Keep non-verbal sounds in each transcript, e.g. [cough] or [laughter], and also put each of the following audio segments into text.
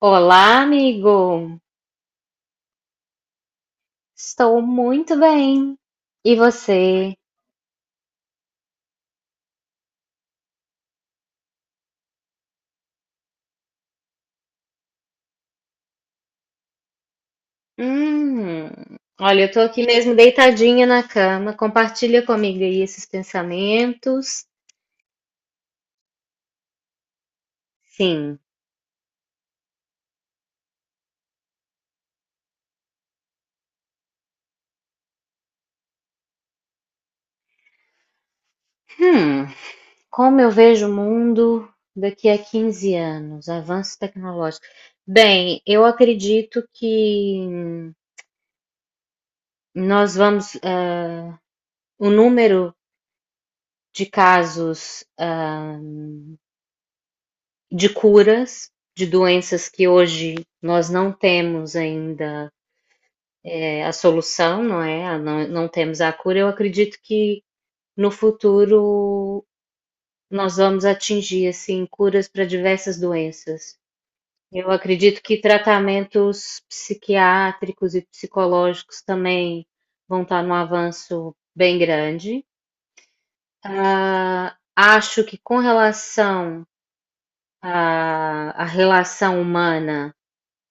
Olá, amigo! Estou muito bem. E você? Hum, olha, eu tô aqui mesmo deitadinha na cama. Compartilha comigo aí esses pensamentos. Sim. Hum, como eu vejo o mundo daqui a 15 anos, avanço tecnológico. Bem, eu acredito que nós vamos, o número de casos, de curas de doenças que hoje nós não temos ainda a solução, não é? Não, não temos a cura. Eu acredito que no futuro nós vamos atingir assim curas para diversas doenças. Eu acredito que tratamentos psiquiátricos e psicológicos também vão estar num avanço bem grande. Ah, acho que com relação à, à relação humana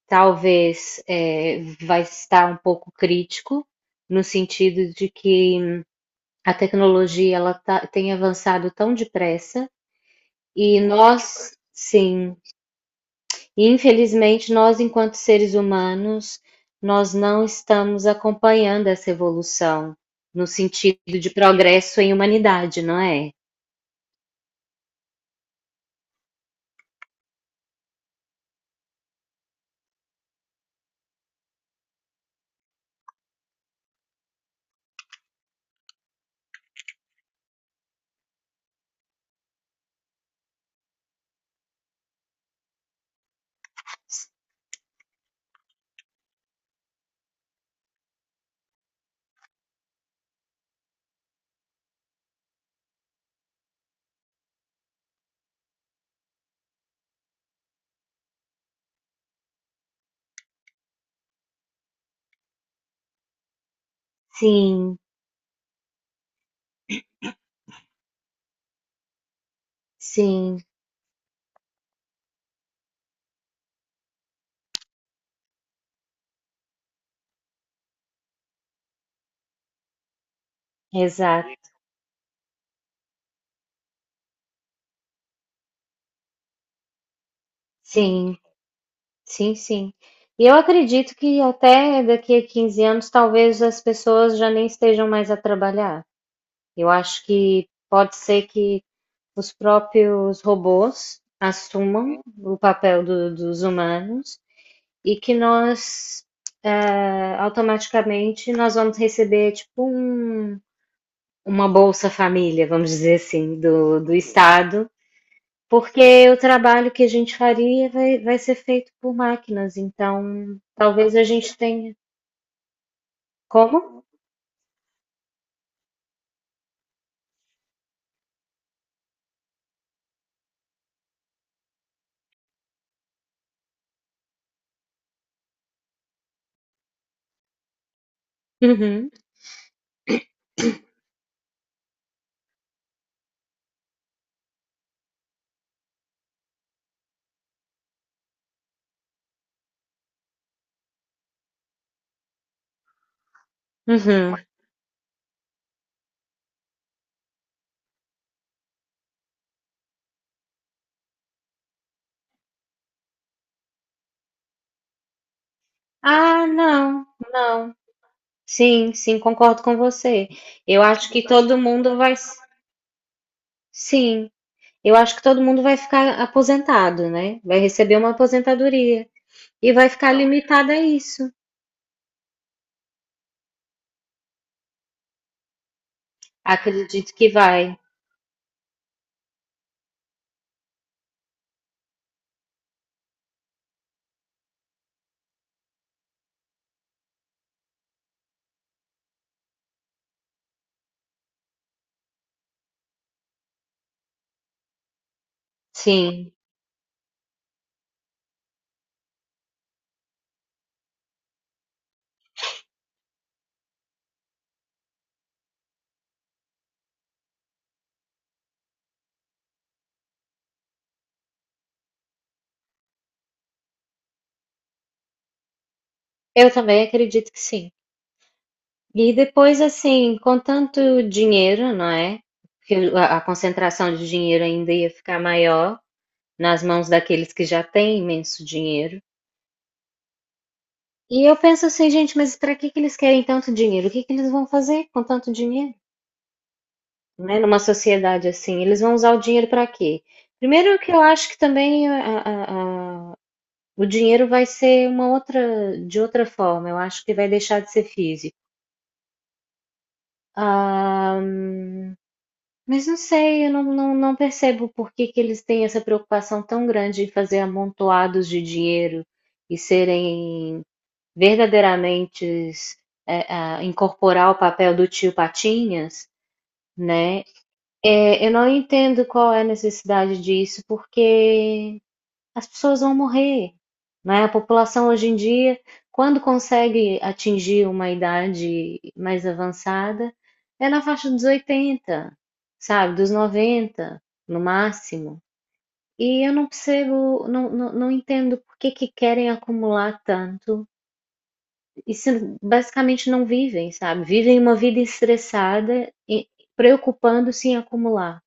talvez vai estar um pouco crítico, no sentido de que a tecnologia ela tem avançado tão depressa e nós, sim, infelizmente nós enquanto seres humanos, nós não estamos acompanhando essa evolução no sentido de progresso em humanidade, não é? Sim, sim, exato. Sim. Sim, sim. E eu acredito que até daqui a 15 anos, talvez as pessoas já nem estejam mais a trabalhar. Eu acho que pode ser que os próprios robôs assumam o papel dos humanos e que nós, automaticamente, nós vamos receber, tipo, uma Bolsa Família, vamos dizer assim, do, do Estado, porque o trabalho que a gente faria vai ser feito por máquinas, então talvez a gente tenha. Como? Uhum, uhum. Ah, não, não. Sim, sim, concordo com você. Eu acho que todo mundo vai. Sim, eu acho que todo mundo vai ficar aposentado, né? Vai receber uma aposentadoria e vai ficar limitado a isso. Acredito que vai. Sim, eu também acredito que sim. E depois, assim, com tanto dinheiro, não é? Que a concentração de dinheiro ainda ia ficar maior nas mãos daqueles que já têm imenso dinheiro. E eu penso assim, gente, mas para que que eles querem tanto dinheiro? O que que eles vão fazer com tanto dinheiro? Né? Numa sociedade assim, eles vão usar o dinheiro para quê? Primeiro que eu acho que também o dinheiro vai ser uma outra, de outra forma. Eu acho que vai deixar de ser físico. Ah, mas não sei, eu não percebo por que que eles têm essa preocupação tão grande em fazer amontoados de dinheiro e serem verdadeiramente incorporar o papel do tio Patinhas, né? É, eu não entendo qual é a necessidade disso, porque as pessoas vão morrer, né? A população hoje em dia, quando consegue atingir uma idade mais avançada, é na faixa dos 80, sabe? Dos 90, no máximo. E eu não percebo, não entendo por que que querem acumular tanto e se basicamente não vivem, sabe? Vivem uma vida estressada e preocupando-se em acumular.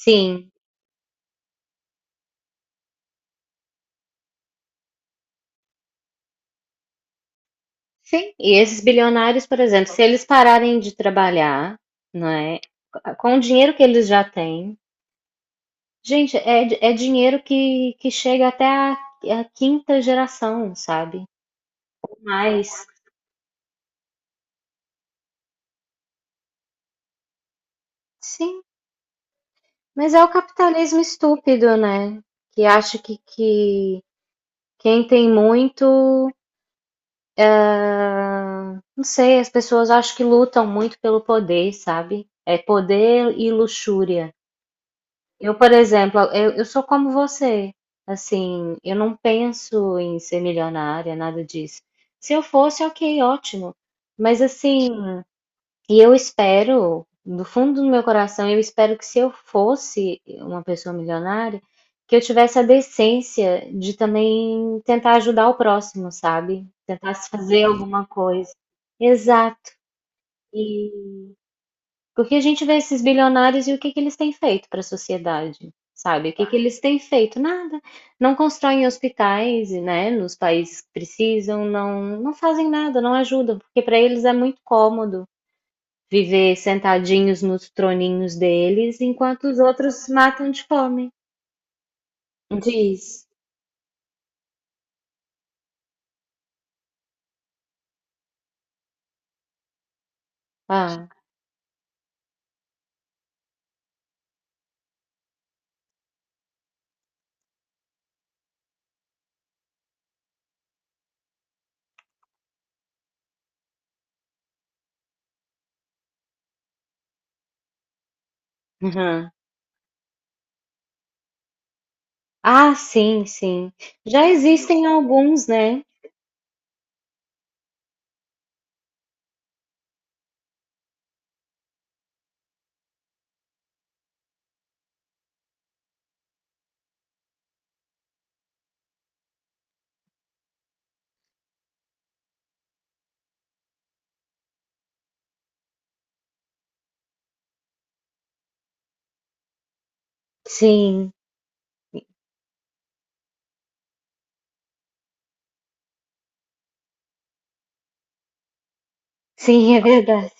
Sim, sim, e esses bilionários, por exemplo, se eles pararem de trabalhar, não é? Com o dinheiro que eles já têm, gente, é, é dinheiro que chega até a quinta geração, sabe? Mas, sim, mas é o capitalismo estúpido, né? Que acha que quem tem muito, não sei, as pessoas acham que lutam muito pelo poder, sabe? É poder e luxúria. Eu, por exemplo, eu sou como você. Assim, eu não penso em ser milionária, nada disso. Se eu fosse, ok, ótimo. Mas assim, e eu espero, do fundo do meu coração, eu espero que se eu fosse uma pessoa milionária, que eu tivesse a decência de também tentar ajudar o próximo, sabe? Tentar fazer alguma coisa. Exato. E porque a gente vê esses bilionários e o que que eles têm feito para a sociedade, sabe? O que que eles têm feito? Nada. Não constroem hospitais, né, nos países que precisam, não, não fazem nada, não ajudam, porque para eles é muito cômodo viver sentadinhos nos troninhos deles, enquanto os outros matam de fome. Diz. Ah, uhum. Ah, sim, sim. Já existem alguns, né? Sim, sim, é verdade.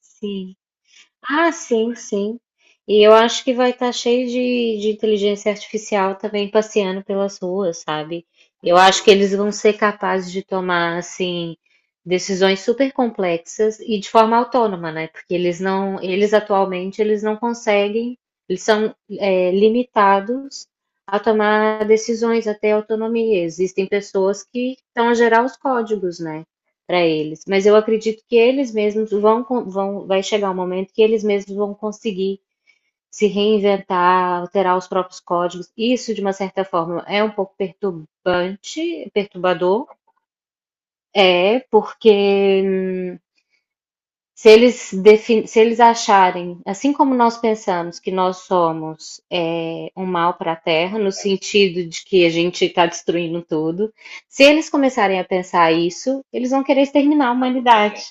Sim. Ah, sim, sim. E eu acho que vai estar cheio de inteligência artificial também passeando pelas ruas, sabe? Eu acho que eles vão ser capazes de tomar, assim, decisões super complexas e de forma autônoma, né? Porque eles não, eles atualmente, eles não conseguem, eles são, limitados a tomar decisões, até autonomia. Existem pessoas que estão a gerar os códigos, né? Para eles. Mas eu acredito que eles mesmos vão, vão, vai chegar um momento que eles mesmos vão conseguir se reinventar, alterar os próprios códigos. Isso, de uma certa forma, é um pouco perturbante, perturbador, porque se eles, se eles acharem, assim como nós pensamos que nós somos um mal para a Terra, no sentido de que a gente está destruindo tudo, se eles começarem a pensar isso, eles vão querer exterminar a humanidade.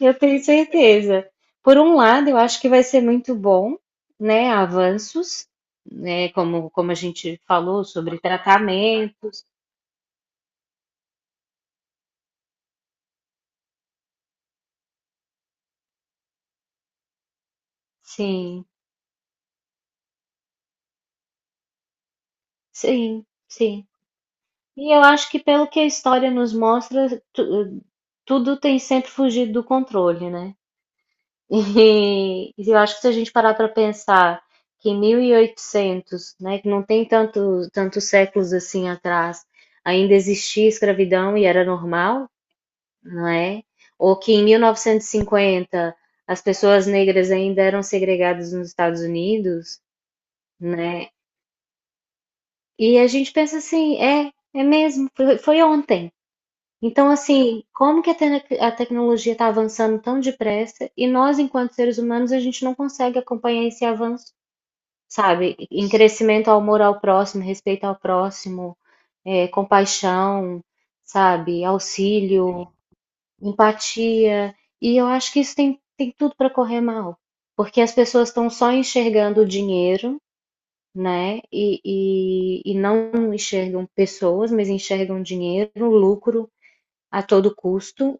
Eu tenho certeza. Por um lado, eu acho que vai ser muito bom, né? Avanços, né? Como a gente falou sobre tratamentos. Sim, sim, sim. E eu acho que pelo que a história nos mostra, tudo tem sempre fugido do controle, né? [laughs] E eu acho que se a gente parar para pensar que em 1800, né, que não tem tantos séculos assim atrás, ainda existia escravidão e era normal, não é? Ou que em 1950 as pessoas negras ainda eram segregadas nos Estados Unidos, né? E a gente pensa assim, é, é mesmo, foi ontem. Então, assim, como que a, a tecnologia está avançando tão depressa e nós, enquanto seres humanos, a gente não consegue acompanhar esse avanço, sabe? Em crescimento ao amor ao próximo, respeito ao próximo, compaixão, sabe? Auxílio, empatia. E eu acho que isso tem tudo para correr mal, porque as pessoas estão só enxergando o dinheiro, né? E não enxergam pessoas, mas enxergam dinheiro, lucro a todo custo.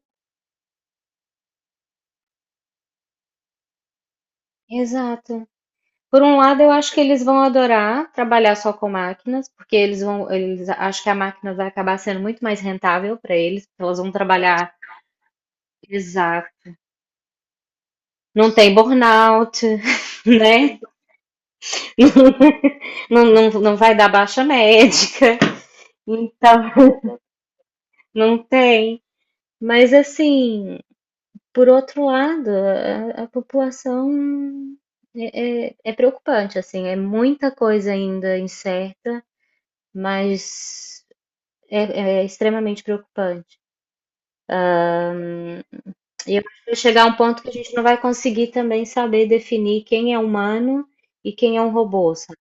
Exato. Por um lado, eu acho que eles vão adorar trabalhar só com máquinas, porque eles vão, eles acham que a máquina vai acabar sendo muito mais rentável para eles, porque elas vão trabalhar, exato. Não tem burnout, [laughs] né? [laughs] Não, não, não vai dar baixa médica, [laughs] então não tem. Mas assim, por outro lado, a população é preocupante, assim, é muita coisa ainda incerta, mas é extremamente preocupante. E eu acho que vai chegar a um ponto que a gente não vai conseguir também saber definir quem é humano e quem é um robô, sabe?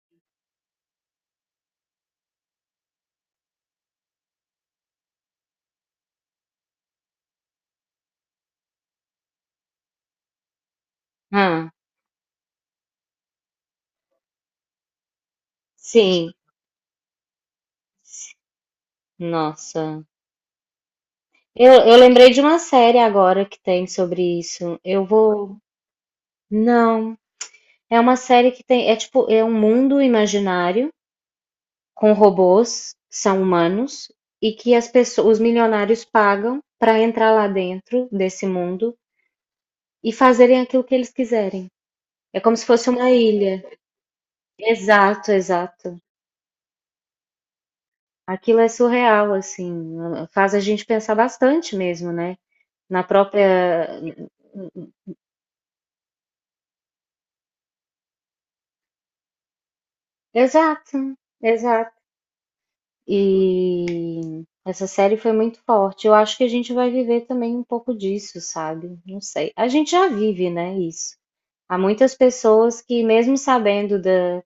Ah, sim. Nossa. Eu lembrei de uma série agora que tem sobre isso. Eu vou. Não. É uma série que tem. É tipo, é um mundo imaginário com robôs que são humanos e que as pessoas, os milionários pagam para entrar lá dentro desse mundo e fazerem aquilo que eles quiserem. É como se fosse uma ilha. Exato, exato. Aquilo é surreal, assim. Faz a gente pensar bastante mesmo, né? Na própria. Exato, exato. E essa série foi muito forte. Eu acho que a gente vai viver também um pouco disso, sabe? Não sei. A gente já vive, né, isso. Há muitas pessoas que, mesmo sabendo da,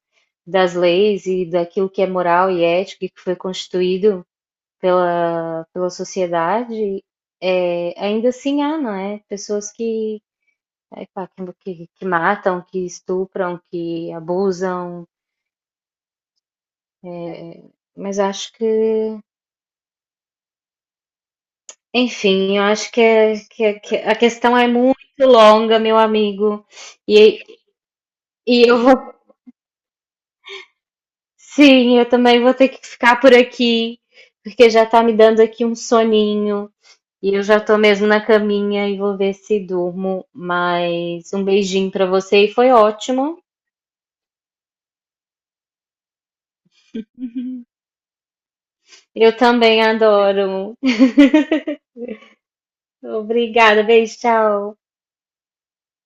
das leis e daquilo que é moral e ético e que foi constituído pela, pela sociedade, ainda assim há, não é? Pessoas que, pá, que matam, que estupram, que abusam. Mas acho que Enfim, eu acho que a questão é muito longa, meu amigo. E, e eu vou. Sim, eu também vou ter que ficar por aqui, porque já tá me dando aqui um soninho. E eu já tô mesmo na caminha e vou ver se durmo. Mas um beijinho pra você e foi ótimo. Eu também adoro. [laughs] Obrigada, beijo, tchau.